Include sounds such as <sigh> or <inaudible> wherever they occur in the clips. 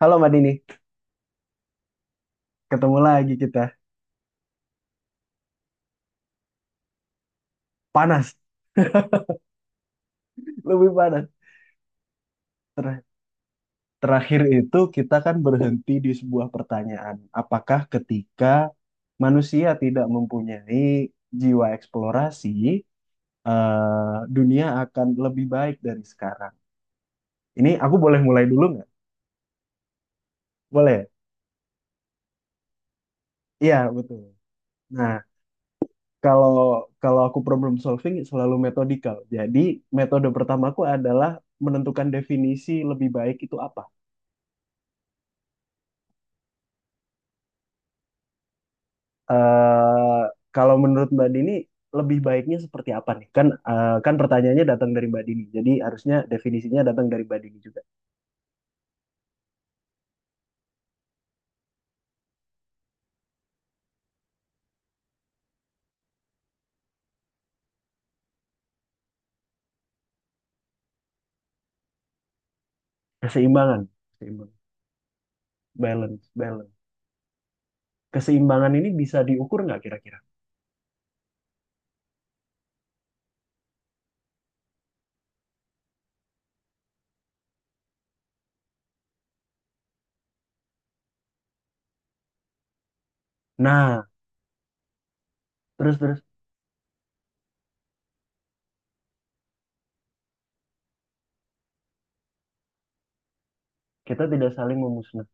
Halo Mbak Dini, ketemu lagi kita. Panas, lebih panas. Ter- terakhir itu kita kan berhenti di sebuah pertanyaan. Apakah ketika manusia tidak mempunyai jiwa eksplorasi, dunia akan lebih baik dari sekarang? Ini aku boleh mulai dulu nggak? Boleh, ya? Iya, betul. Nah, kalau kalau aku problem solving selalu metodikal. Jadi metode pertamaku adalah menentukan definisi lebih baik itu apa. eh kalau menurut Mbak Dini, lebih baiknya seperti apa nih? Kan pertanyaannya datang dari Mbak Dini, jadi harusnya definisinya datang dari Mbak Dini juga. Keseimbangan, keseimbangan, balance, balance. Keseimbangan ini bisa diukur nggak kira-kira? Nah, terus terus kita tidak saling memusnah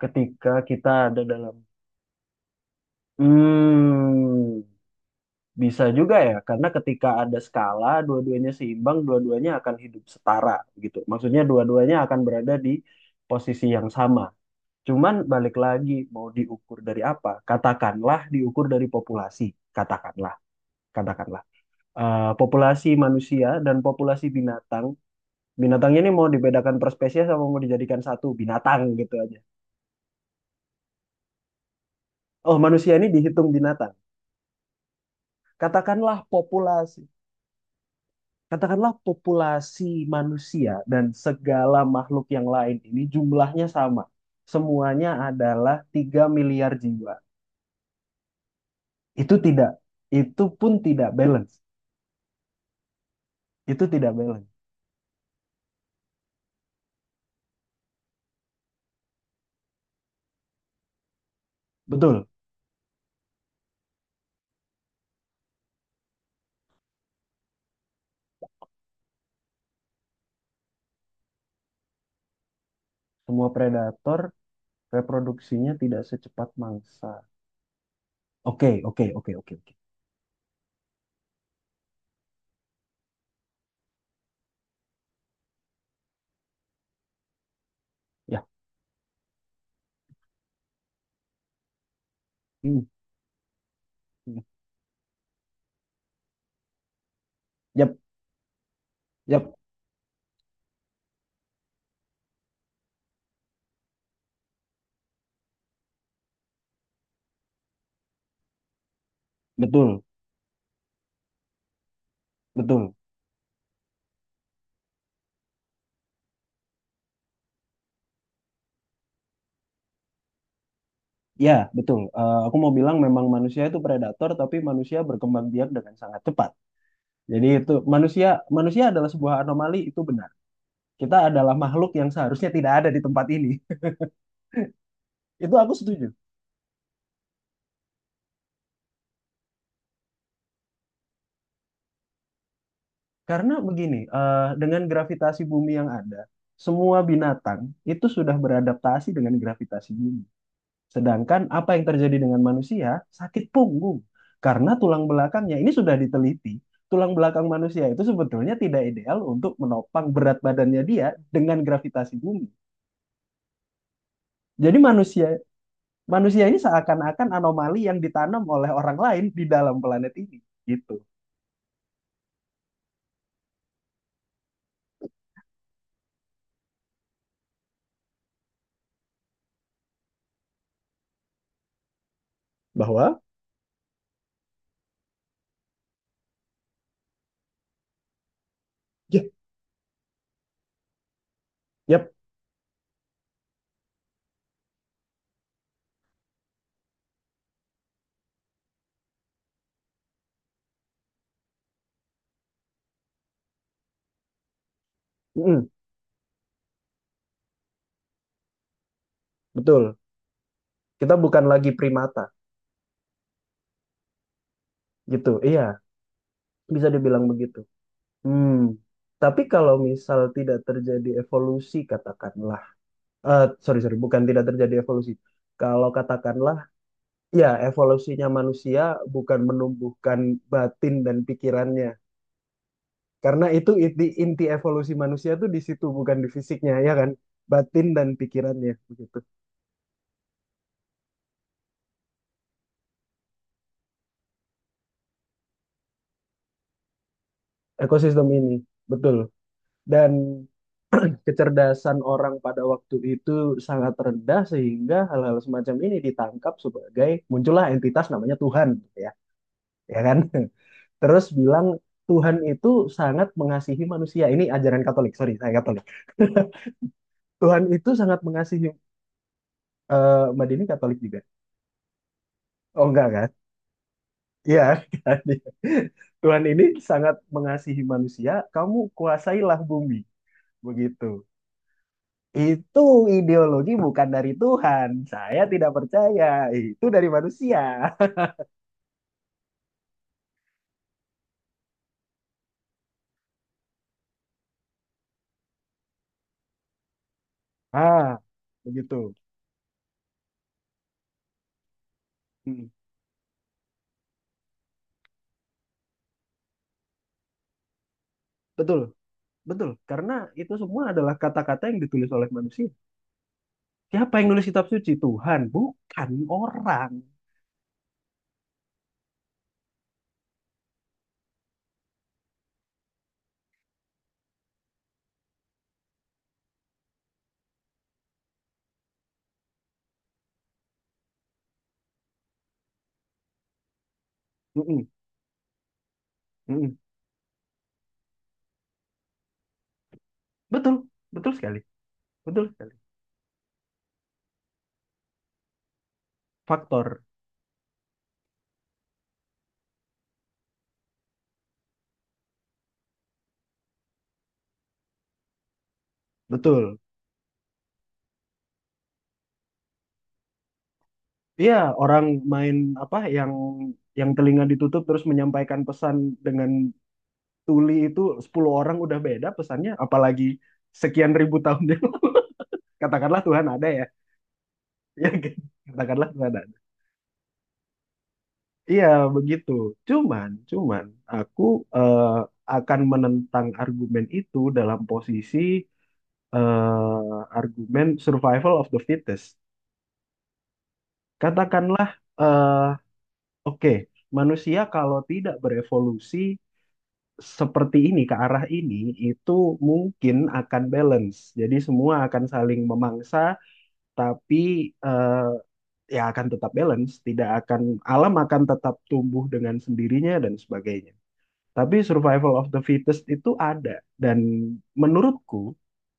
ketika kita ada dalam. Hmm, bisa juga ya, karena ketika ada skala, dua-duanya seimbang, dua-duanya akan hidup setara gitu. Maksudnya dua-duanya akan berada di posisi yang sama. Cuman balik lagi mau diukur dari apa? Katakanlah diukur dari populasi. Katakanlah, katakanlah. Populasi manusia dan populasi binatang. Binatangnya ini mau dibedakan per spesies sama mau dijadikan satu binatang gitu aja. Oh, manusia ini dihitung binatang. Katakanlah populasi. Katakanlah populasi manusia dan segala makhluk yang lain ini jumlahnya sama. Semuanya adalah 3 miliar jiwa. Itu tidak, itu pun tidak balance. Itu tidak balance. Betul, semua predator reproduksinya tidak secepat mangsa. Oke, oke, oke, oke, oke. Ya. Hmm. Hmm. Yap, yap, betul, betul. Ya, betul. Aku mau bilang memang manusia itu predator, tapi manusia berkembang biak dengan sangat cepat. Jadi itu manusia manusia adalah sebuah anomali, itu benar. Kita adalah makhluk yang seharusnya tidak ada di tempat ini. <laughs> Itu aku setuju. Karena begini, dengan gravitasi bumi yang ada, semua binatang itu sudah beradaptasi dengan gravitasi bumi. Sedangkan apa yang terjadi dengan manusia? Sakit punggung. Karena tulang belakangnya ini sudah diteliti, tulang belakang manusia itu sebetulnya tidak ideal untuk menopang berat badannya dia dengan gravitasi bumi. Jadi manusia manusia ini seakan-akan anomali yang ditanam oleh orang lain di dalam planet ini, gitu. Bahwa ya, yep, mm, betul. Kita bukan lagi primata, gitu. Iya, bisa dibilang begitu. Hmm. Tapi kalau misal tidak terjadi evolusi, katakanlah, eh sorry sorry bukan tidak terjadi evolusi, kalau katakanlah ya, evolusinya manusia bukan menumbuhkan batin dan pikirannya, karena itu inti inti evolusi manusia tuh di situ, bukan di fisiknya, ya kan? Batin dan pikirannya, begitu. Ekosistem ini, betul. Dan kecerdasan orang pada waktu itu sangat rendah, sehingga hal-hal semacam ini ditangkap sebagai muncullah entitas namanya Tuhan, gitu ya, ya kan? <laughs> Terus bilang Tuhan itu sangat mengasihi manusia. Ini ajaran Katolik, sorry, saya Katolik. <laughs> Tuhan itu sangat mengasihi. Mbak Dini Katolik juga. Oh enggak kan? Iya, kan? <laughs> Tuhan ini sangat mengasihi manusia, kamu kuasailah bumi. Begitu. Itu ideologi bukan dari Tuhan. Saya tidak percaya. Itu dari manusia. Ah, begitu. Hmm, betul, betul. Karena itu semua adalah kata-kata yang ditulis oleh manusia. Siapa yang nulis kitab suci? Tuhan, bukan orang. Mm-mm, mm-mm. Betul, betul sekali, betul sekali. Faktor, betul. Iya, orang main apa yang telinga ditutup terus menyampaikan pesan dengan tuli, itu 10 orang udah beda pesannya, apalagi sekian ribu tahun yang lalu. <laughs> Katakanlah Tuhan ada ya, <laughs> ya kan? Katakanlah Tuhan ada. Iya, begitu. Cuman aku, eh, akan menentang argumen itu dalam posisi, argumen survival of the fittest. Katakanlah, eh, oke, manusia kalau tidak berevolusi seperti ini ke arah ini, itu mungkin akan balance. Jadi semua akan saling memangsa, tapi eh, ya akan tetap balance. Tidak akan. Alam akan tetap tumbuh dengan sendirinya dan sebagainya. Tapi survival of the fittest itu ada, dan menurutku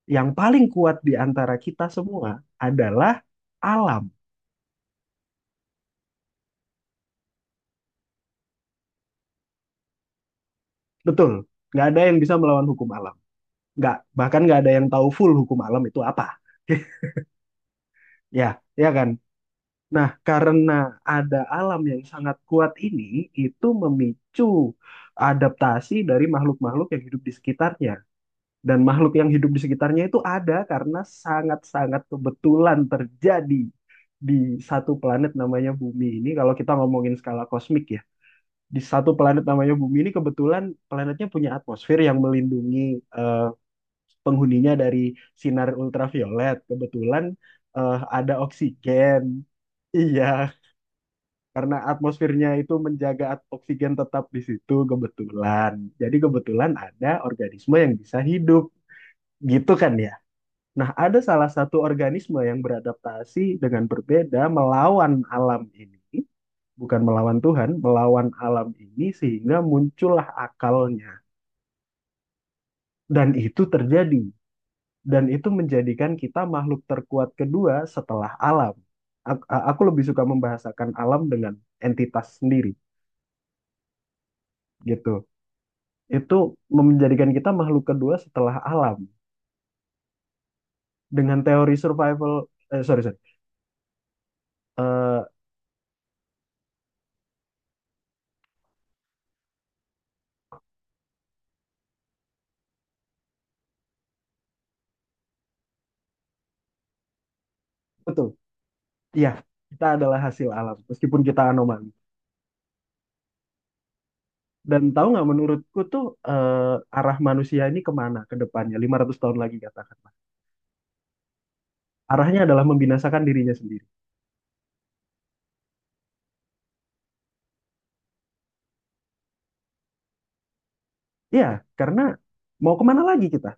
yang paling kuat di antara kita semua adalah alam. Betul, nggak ada yang bisa melawan hukum alam. Nggak, bahkan nggak ada yang tahu full hukum alam itu apa. <laughs> Ya, ya kan? Nah, karena ada alam yang sangat kuat ini, itu memicu adaptasi dari makhluk-makhluk yang hidup di sekitarnya. Dan makhluk yang hidup di sekitarnya itu ada karena sangat-sangat kebetulan terjadi di satu planet namanya Bumi ini. Kalau kita ngomongin skala kosmik ya, di satu planet namanya Bumi ini kebetulan planetnya punya atmosfer yang melindungi, eh, penghuninya dari sinar ultraviolet. Kebetulan ada oksigen. Iya, karena atmosfernya itu menjaga oksigen tetap di situ, kebetulan. Jadi kebetulan ada organisme yang bisa hidup, gitu kan ya. Nah, ada salah satu organisme yang beradaptasi dengan berbeda melawan alam ini, bukan melawan Tuhan, melawan alam ini sehingga muncullah akalnya. Dan itu terjadi, dan itu menjadikan kita makhluk terkuat kedua setelah alam. Aku lebih suka membahasakan alam dengan entitas sendiri, gitu. Itu menjadikan kita makhluk kedua setelah alam dengan teori survival, eh, sorry sorry Eh, betul ya, kita adalah hasil alam meskipun kita anomali. Dan tahu nggak, menurutku tuh, arah manusia ini kemana ke depannya 500 tahun lagi, katakanlah. Arahnya adalah membinasakan dirinya sendiri. Iya, karena mau kemana lagi kita?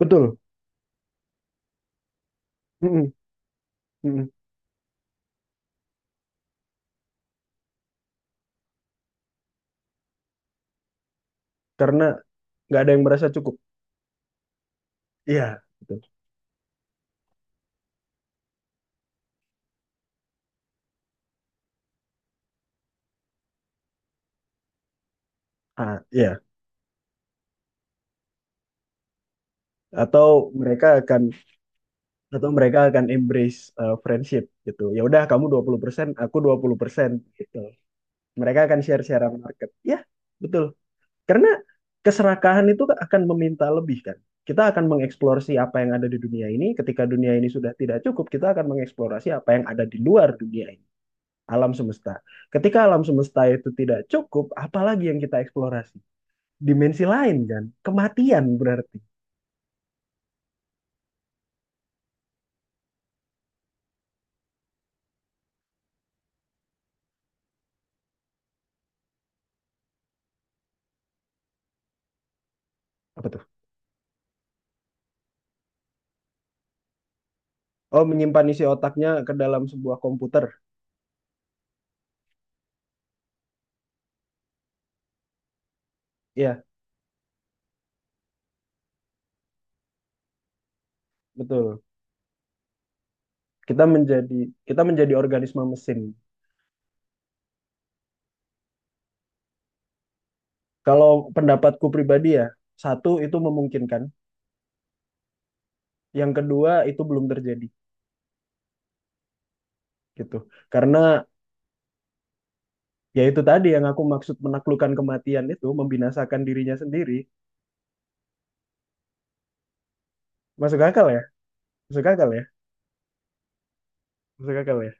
Betul. Mm-mm. Mm-mm. Karena nggak ada yang merasa cukup, iya, gitu. Ah, iya. Atau mereka akan atau mereka akan embrace friendship, gitu, ya udah, kamu 20% aku 20%, gitu. Mereka akan share share market ya, betul. Karena keserakahan itu akan meminta lebih kan, kita akan mengeksplorasi apa yang ada di dunia ini. Ketika dunia ini sudah tidak cukup, kita akan mengeksplorasi apa yang ada di luar dunia ini, alam semesta. Ketika alam semesta itu tidak cukup, apalagi yang kita eksplorasi? Dimensi lain kan, kematian berarti. Apa tuh? Oh, menyimpan isi otaknya ke dalam sebuah komputer. Iya, betul, kita menjadi kita menjadi organisme mesin. Kalau pendapatku pribadi ya, satu itu memungkinkan, yang kedua itu belum terjadi, gitu, karena ya itu tadi yang aku maksud, menaklukkan kematian itu membinasakan dirinya sendiri. Masuk akal ya, masuk akal ya, masuk akal ya.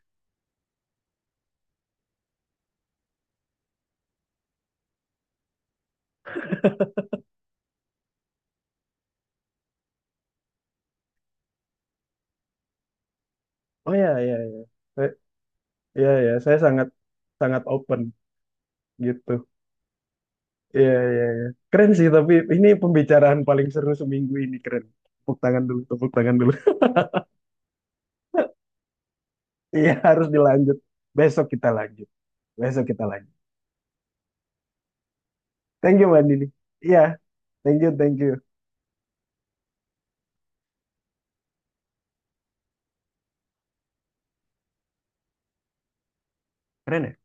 Oh ya, ya, ya. Saya, ya, ya, saya sangat sangat open, gitu. Iya, iya, iya. Keren sih, tapi ini pembicaraan paling seru seminggu ini, keren. Tepuk tangan dulu, tepuk tangan dulu. <laughs> Iya, harus dilanjut. Besok kita lanjut. Besok kita lanjut. Thank you, Mbak Dini. Iya, thank you, thank you. Keren ya?